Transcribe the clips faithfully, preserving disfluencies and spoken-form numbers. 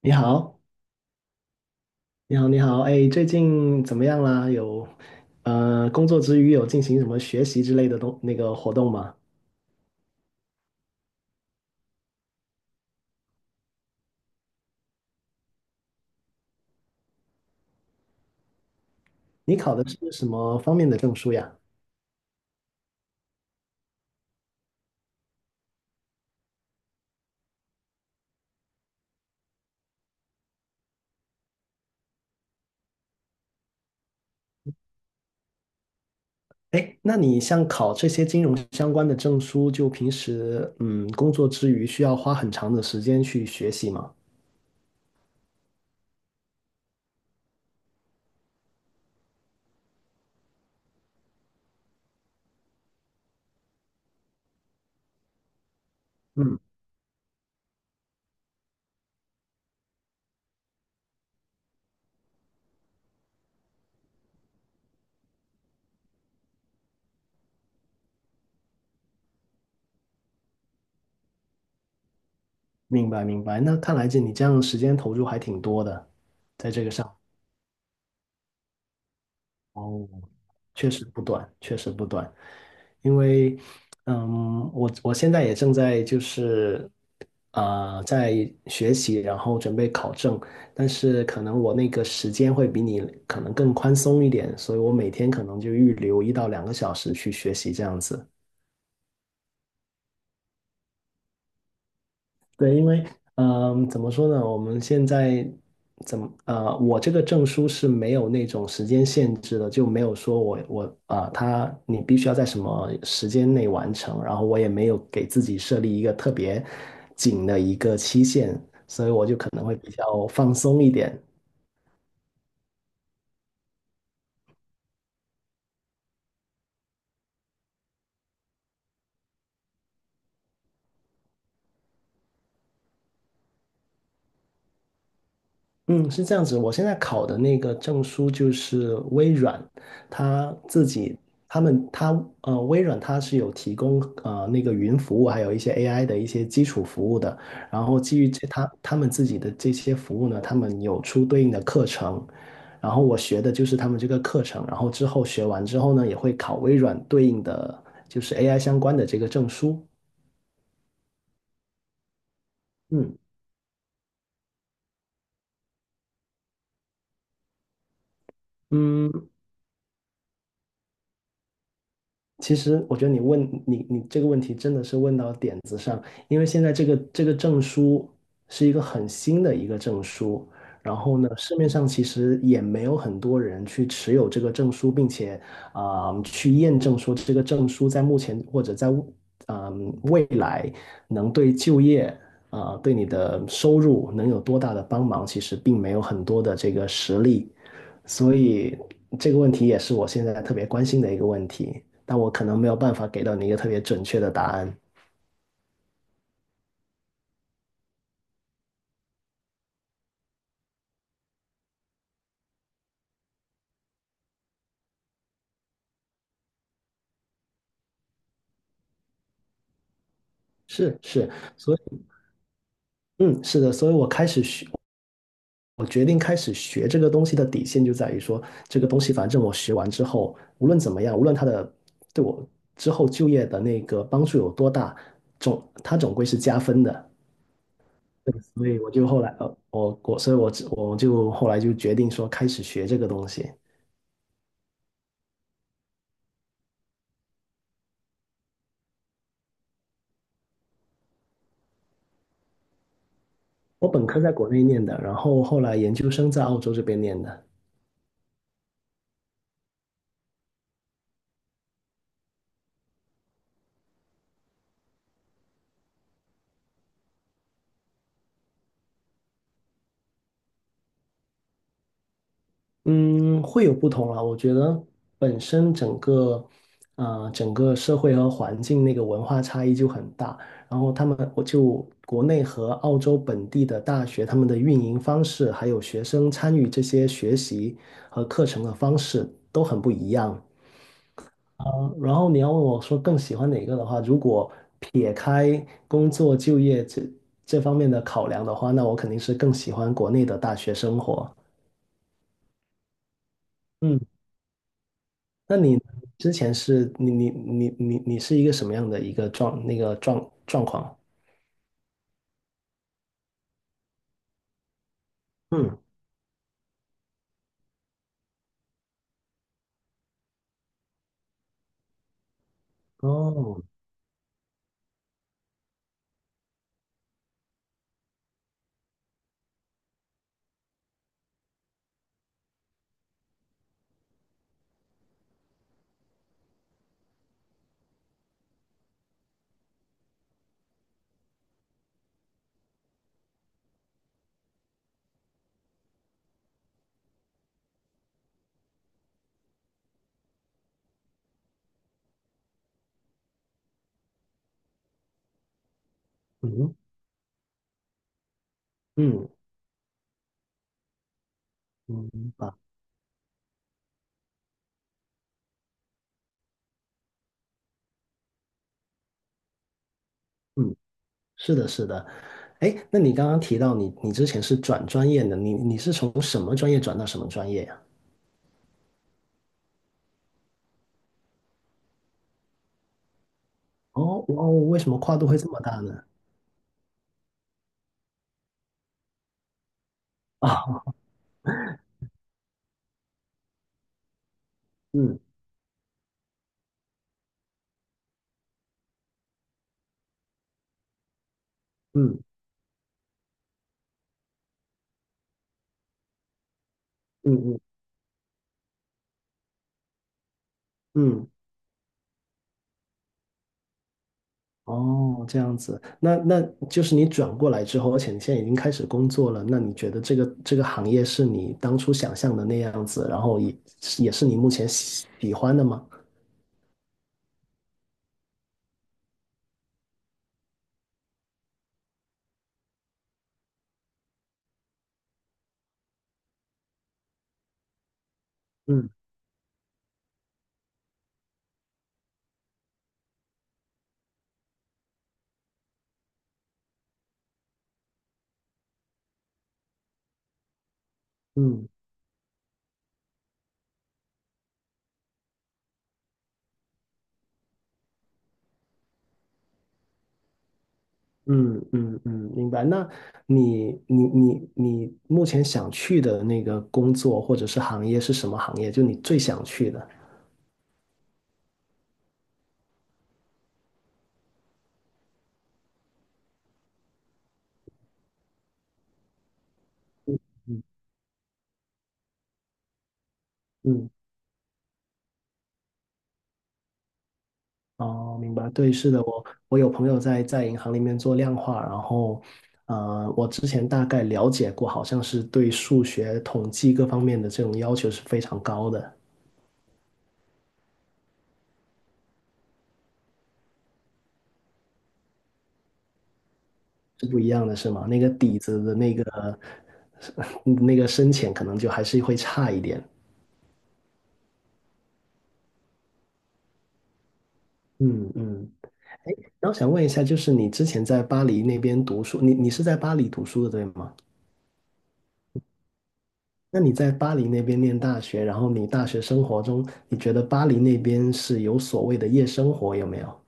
你好，你好，你好，哎，最近怎么样啦？有，呃，工作之余有进行什么学习之类的东那个活动吗？你考的是什么方面的证书呀？哎，那你像考这些金融相关的证书，就平时嗯工作之余需要花很长的时间去学习吗？嗯，明白明白。那看来这你这样的时间投入还挺多的，在这个上。哦，确实不短，确实不短，因为，嗯，我我现在也正在就是，呃，在学习，然后准备考证，但是可能我那个时间会比你可能更宽松一点，所以我每天可能就预留一到两个小时去学习这样子。对，因为嗯、怎么说呢？我们现在怎么呃，我这个证书是没有那种时间限制的，就没有说我我啊、呃，他你必须要在什么时间内完成，然后我也没有给自己设立一个特别紧的一个期限，所以我就可能会比较放松一点。嗯，是这样子。我现在考的那个证书就是微软，它自己，他们，它，呃，微软它是有提供呃那个云服务，还有一些 A I 的一些基础服务的。然后基于这，它他们自己的这些服务呢，他们有出对应的课程。然后我学的就是他们这个课程，然后之后学完之后呢，也会考微软对应的就是 A I 相关的这个证书。嗯嗯，其实我觉得你问你你这个问题真的是问到点子上，因为现在这个这个证书是一个很新的一个证书，然后呢，市面上其实也没有很多人去持有这个证书，并且啊、呃去验证说这个证书在目前或者在嗯、未来能对就业啊、呃对你的收入能有多大的帮忙，其实并没有很多的这个实例，所以这个问题也是我现在特别关心的一个问题，但我可能没有办法给到你一个特别准确的答案。是是，所以嗯，是的，所以我开始学，我决定开始学这个东西的底线就在于说，这个东西反正我学完之后，无论怎么样，无论它的对我之后就业的那个帮助有多大，总它总归是加分的。对，所以我就后来，呃，我我所以我我就后来就决定说开始学这个东西。我本科在国内念的，然后后来研究生在澳洲这边念的。嗯，会有不同啊。我觉得本身整个，呃，整个社会和环境那个文化差异就很大。然后他们，我就国内和澳洲本地的大学，他们的运营方式，还有学生参与这些学习和课程的方式都很不一样。然后你要问我说更喜欢哪个的话，如果撇开工作就业这这方面的考量的话，那我肯定是更喜欢国内的大学生活。嗯，那你呢之前是你你你你你是一个什么样的一个状那个状状况？嗯，哦，嗯嗯，嗯白。嗯，是的，是的。哎，那你刚刚提到你你之前是转专业的，你你是从什么专业转到什么专业呀？哦哦，为什么跨度会这么大呢？啊，嗯。嗯嗯嗯嗯，哦，这样子，那那就是你转过来之后，而且你现在已经开始工作了，那你觉得这个这个行业是你当初想象的那样子，然后也也是你目前喜喜欢的吗？嗯嗯嗯嗯嗯，明白。那你你你你目前想去的那个工作或者是行业是什么行业？就你最想去的？嗯。哦，明白，对，是的，我我有朋友在在银行里面做量化，然后，呃，我之前大概了解过，好像是对数学、统计各方面的这种要求是非常高的，是不一样的，是吗？那个底子的那个 那个深浅，可能就还是会差一点。嗯嗯，哎，那我想问一下，就是你之前在巴黎那边读书，你你是在巴黎读书的，对吗？那你在巴黎那边念大学，然后你大学生活中，你觉得巴黎那边是有所谓的夜生活有没有？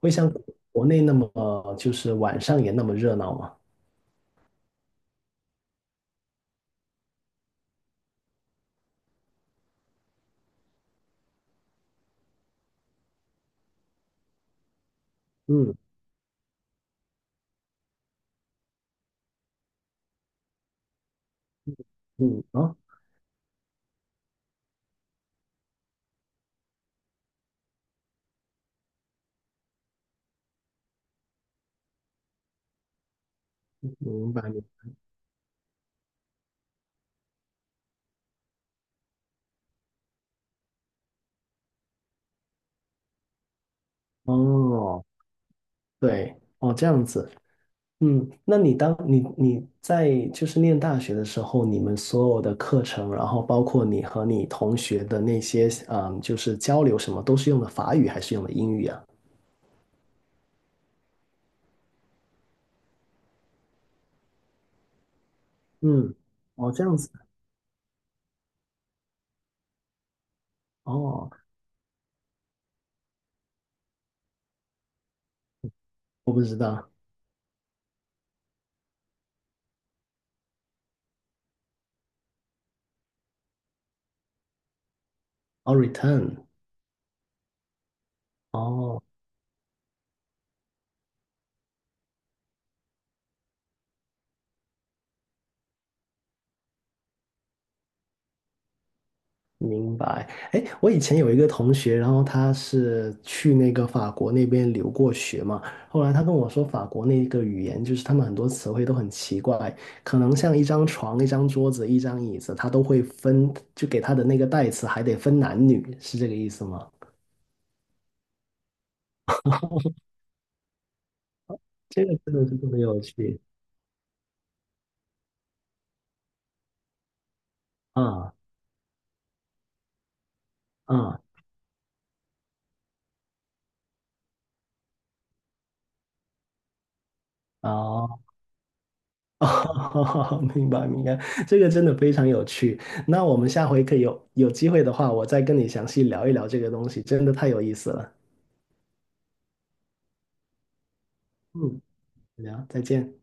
会像国内那么，呃就是晚上也那么热闹吗？嗯嗯，哦，明白明白，哦，对哦，这样子，嗯，那你当你你在就是念大学的时候，你们所有的课程，然后包括你和你同学的那些，嗯，就是交流什么，都是用的法语还是用的英语啊？嗯，哦，这样子，哦，我不知道。哦，return,哦，明白。哎，我以前有一个同学，然后他是去那个法国那边留过学嘛，后来他跟我说，法国那个语言就是他们很多词汇都很奇怪，可能像一张床、一张桌子、一张椅子，他都会分，就给他的那个代词还得分男女，是这个意思吗？这个真的是特别有趣啊啊！哦哦，明白明白，这个真的非常有趣。那我们下回可以有有机会的话，我再跟你详细聊一聊这个东西，真的太有意思了。嗯，聊，再见。